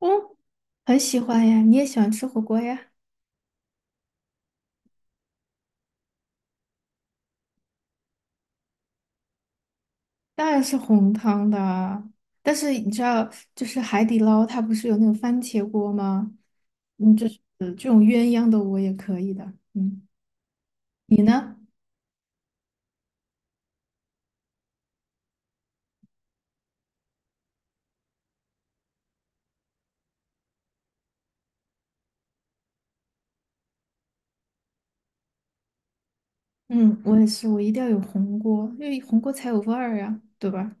嗯，很喜欢呀，你也喜欢吃火锅呀？当然是红汤的啊，但是你知道，就是海底捞它不是有那种番茄锅吗？嗯，就是这种鸳鸯的我也可以的。嗯，你呢？嗯，我也是，我一定要有红锅，因为红锅才有味儿呀，对吧？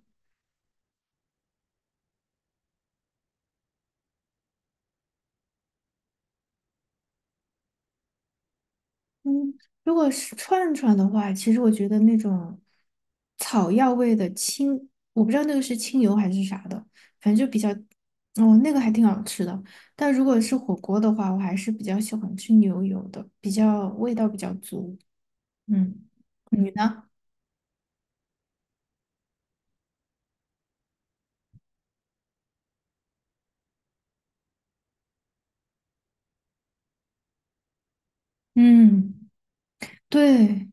嗯，如果是串串的话，其实我觉得那种草药味的清，我不知道那个是清油还是啥的，反正就比较，哦，那个还挺好吃的。但如果是火锅的话，我还是比较喜欢吃牛油的，比较味道比较足。嗯，你呢？嗯，对，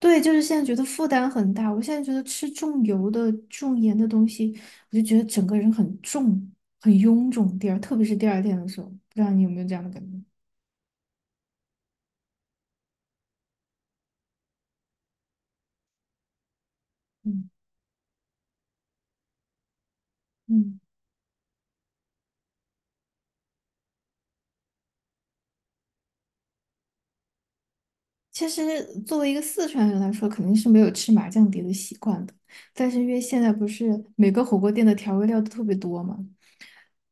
对，就是现在觉得负担很大。我现在觉得吃重油的、重盐的东西，我就觉得整个人很重、很臃肿。第二，特别是第二天的时候，不知道你有没有这样的感觉？嗯嗯，其实作为一个四川人来说，肯定是没有吃麻酱碟的习惯的。但是因为现在不是每个火锅店的调味料都特别多嘛，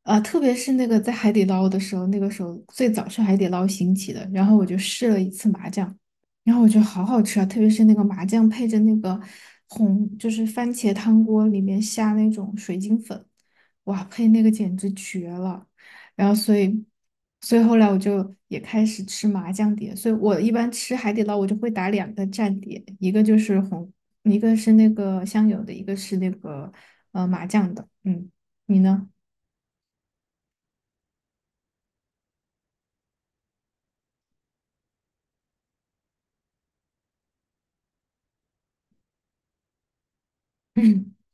啊，特别是那个在海底捞的时候，那个时候最早是海底捞兴起的，然后我就试了一次麻酱，然后我觉得好好吃啊，特别是那个麻酱配着那个红，就是番茄汤锅里面下那种水晶粉，哇，配那个简直绝了。然后所以，所以后来我就也开始吃麻酱碟，所以我一般吃海底捞我就会打两个蘸碟，一个就是红，一个是那个香油的，一个是那个麻酱的，嗯，你呢？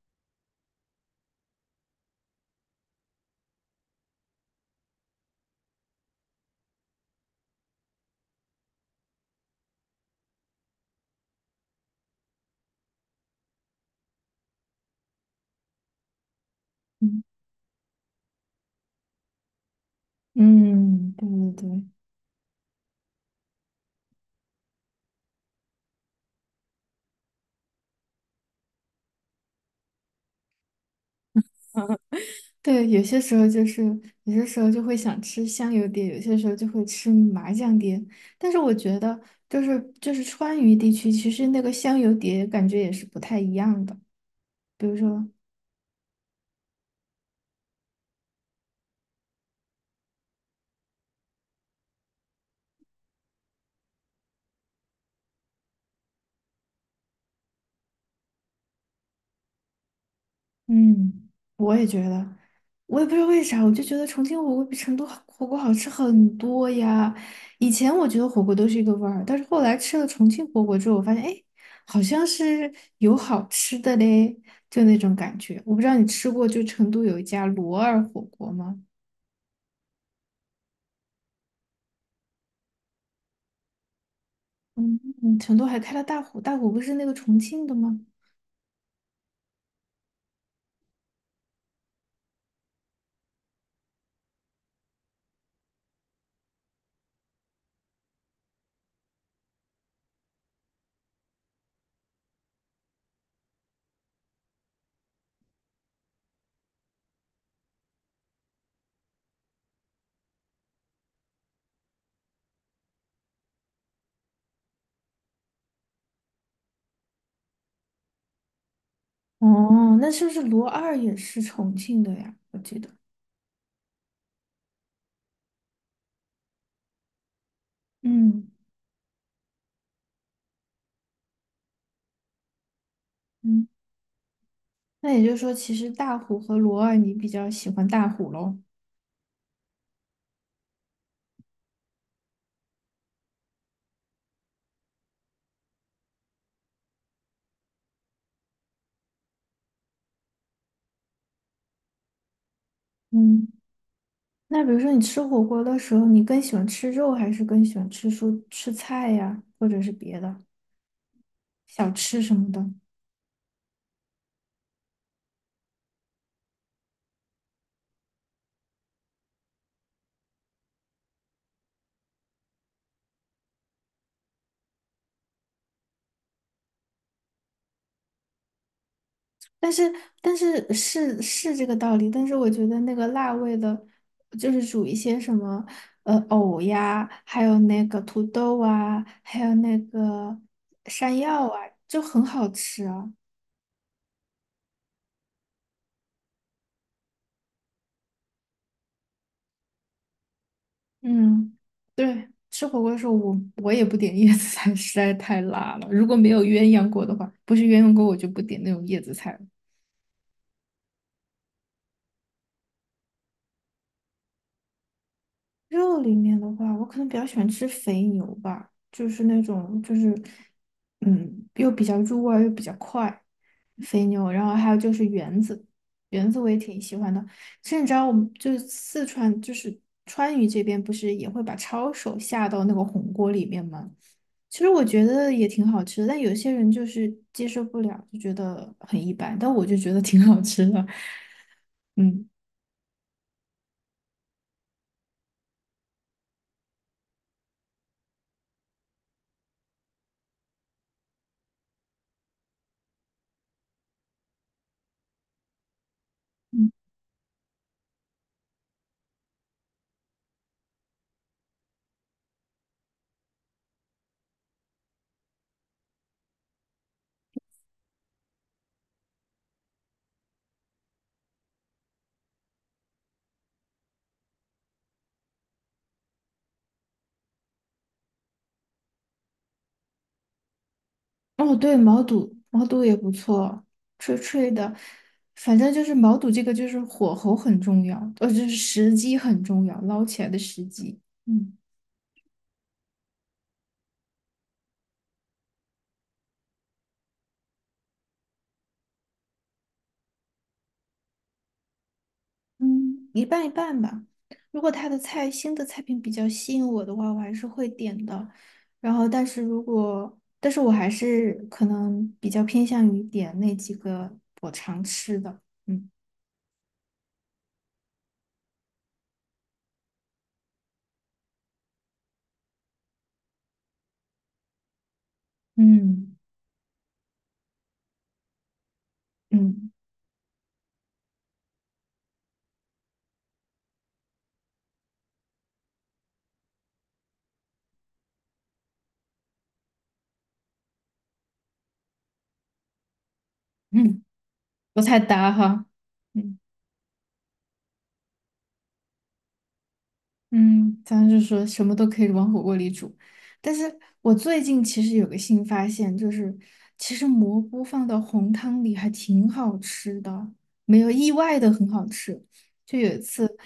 嗯，嗯对对对。对，有些时候就是，有些时候就会想吃香油碟，有些时候就会吃麻酱碟。但是我觉得，就是川渝地区，其实那个香油碟感觉也是不太一样的。比如说。嗯，我也觉得，我也不知道为啥，我就觉得重庆火锅比成都好火锅好吃很多呀。以前我觉得火锅都是一个味儿，但是后来吃了重庆火锅之后，我发现，哎，好像是有好吃的嘞，就那种感觉。我不知道你吃过，就成都有一家罗二火锅吗？嗯，嗯成都还开了大虎，大虎不是那个重庆的吗？哦，那是不是罗二也是重庆的呀？我记得，嗯。嗯。那也就是说，其实大虎和罗二你比较喜欢大虎喽。嗯，那比如说你吃火锅的时候，你更喜欢吃肉，还是更喜欢吃蔬吃菜呀，或者是别的小吃什么的？但是但是这个道理，但是我觉得那个辣味的，就是煮一些什么藕呀，还有那个土豆啊，还有那个山药啊，就很好吃啊。嗯，对，吃火锅的时候我也不点叶子菜，实在太辣了。如果没有鸳鸯锅的话，不是鸳鸯锅，我就不点那种叶子菜了。肉里面的话，我可能比较喜欢吃肥牛吧，就是那种就是，嗯，又比较入味儿又比较快，肥牛。然后还有就是圆子，圆子我也挺喜欢的。其实你知道，我们就是四川，就是川渝这边不是也会把抄手下到那个红锅里面吗？其实我觉得也挺好吃的，但有些人就是接受不了，就觉得很一般。但我就觉得挺好吃的，嗯嗯。哦，对，毛肚，毛肚也不错，脆脆的。反正就是毛肚这个，就是火候很重要，就是时机很重要，捞起来的时机。嗯嗯，一半一半吧。如果他的菜，新的菜品比较吸引我的话，我还是会点的。然后，但是如果，但是我还是可能比较偏向于点那几个我常吃的。嗯嗯嗯嗯，不太搭哈。嗯。嗯，咱就说什么都可以往火锅里煮，但是我最近其实有个新发现，就是其实蘑菇放到红汤里还挺好吃的，没有意外的很好吃。就有一次，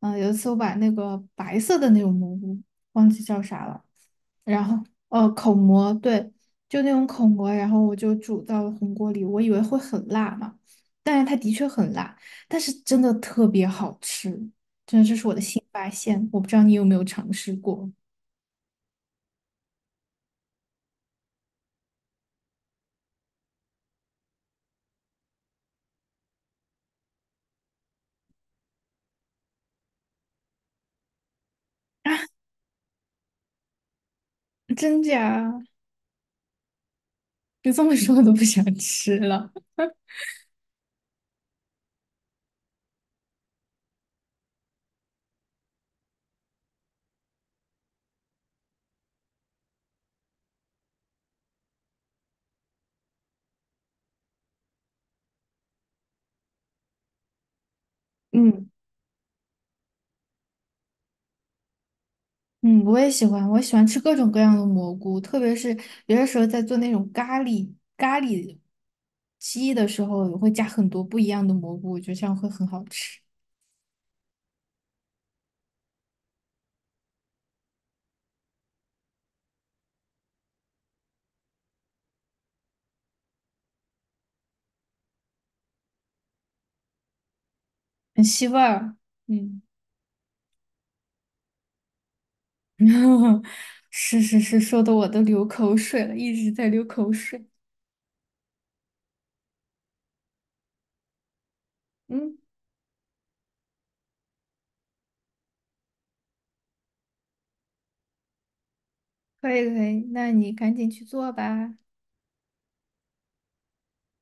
嗯、有一次我把那个白色的那种蘑菇忘记叫啥了。然后口蘑，对，就那种口蘑，然后我就煮到红锅里，我以为会很辣嘛，但是它的确很辣，但是真的特别好吃，真的这是我的新发现，我不知道你有没有尝试过，真假？你这么说我都不想吃了。嗯嗯，我也喜欢，我喜欢吃各种各样的蘑菇，特别是有的时候在做那种咖喱鸡的时候，我会加很多不一样的蘑菇，我觉得这样会很好吃，很吸味儿。嗯。是是是，说的我都流口水了，一直在流口水。嗯，可以可以，那你赶紧去做吧。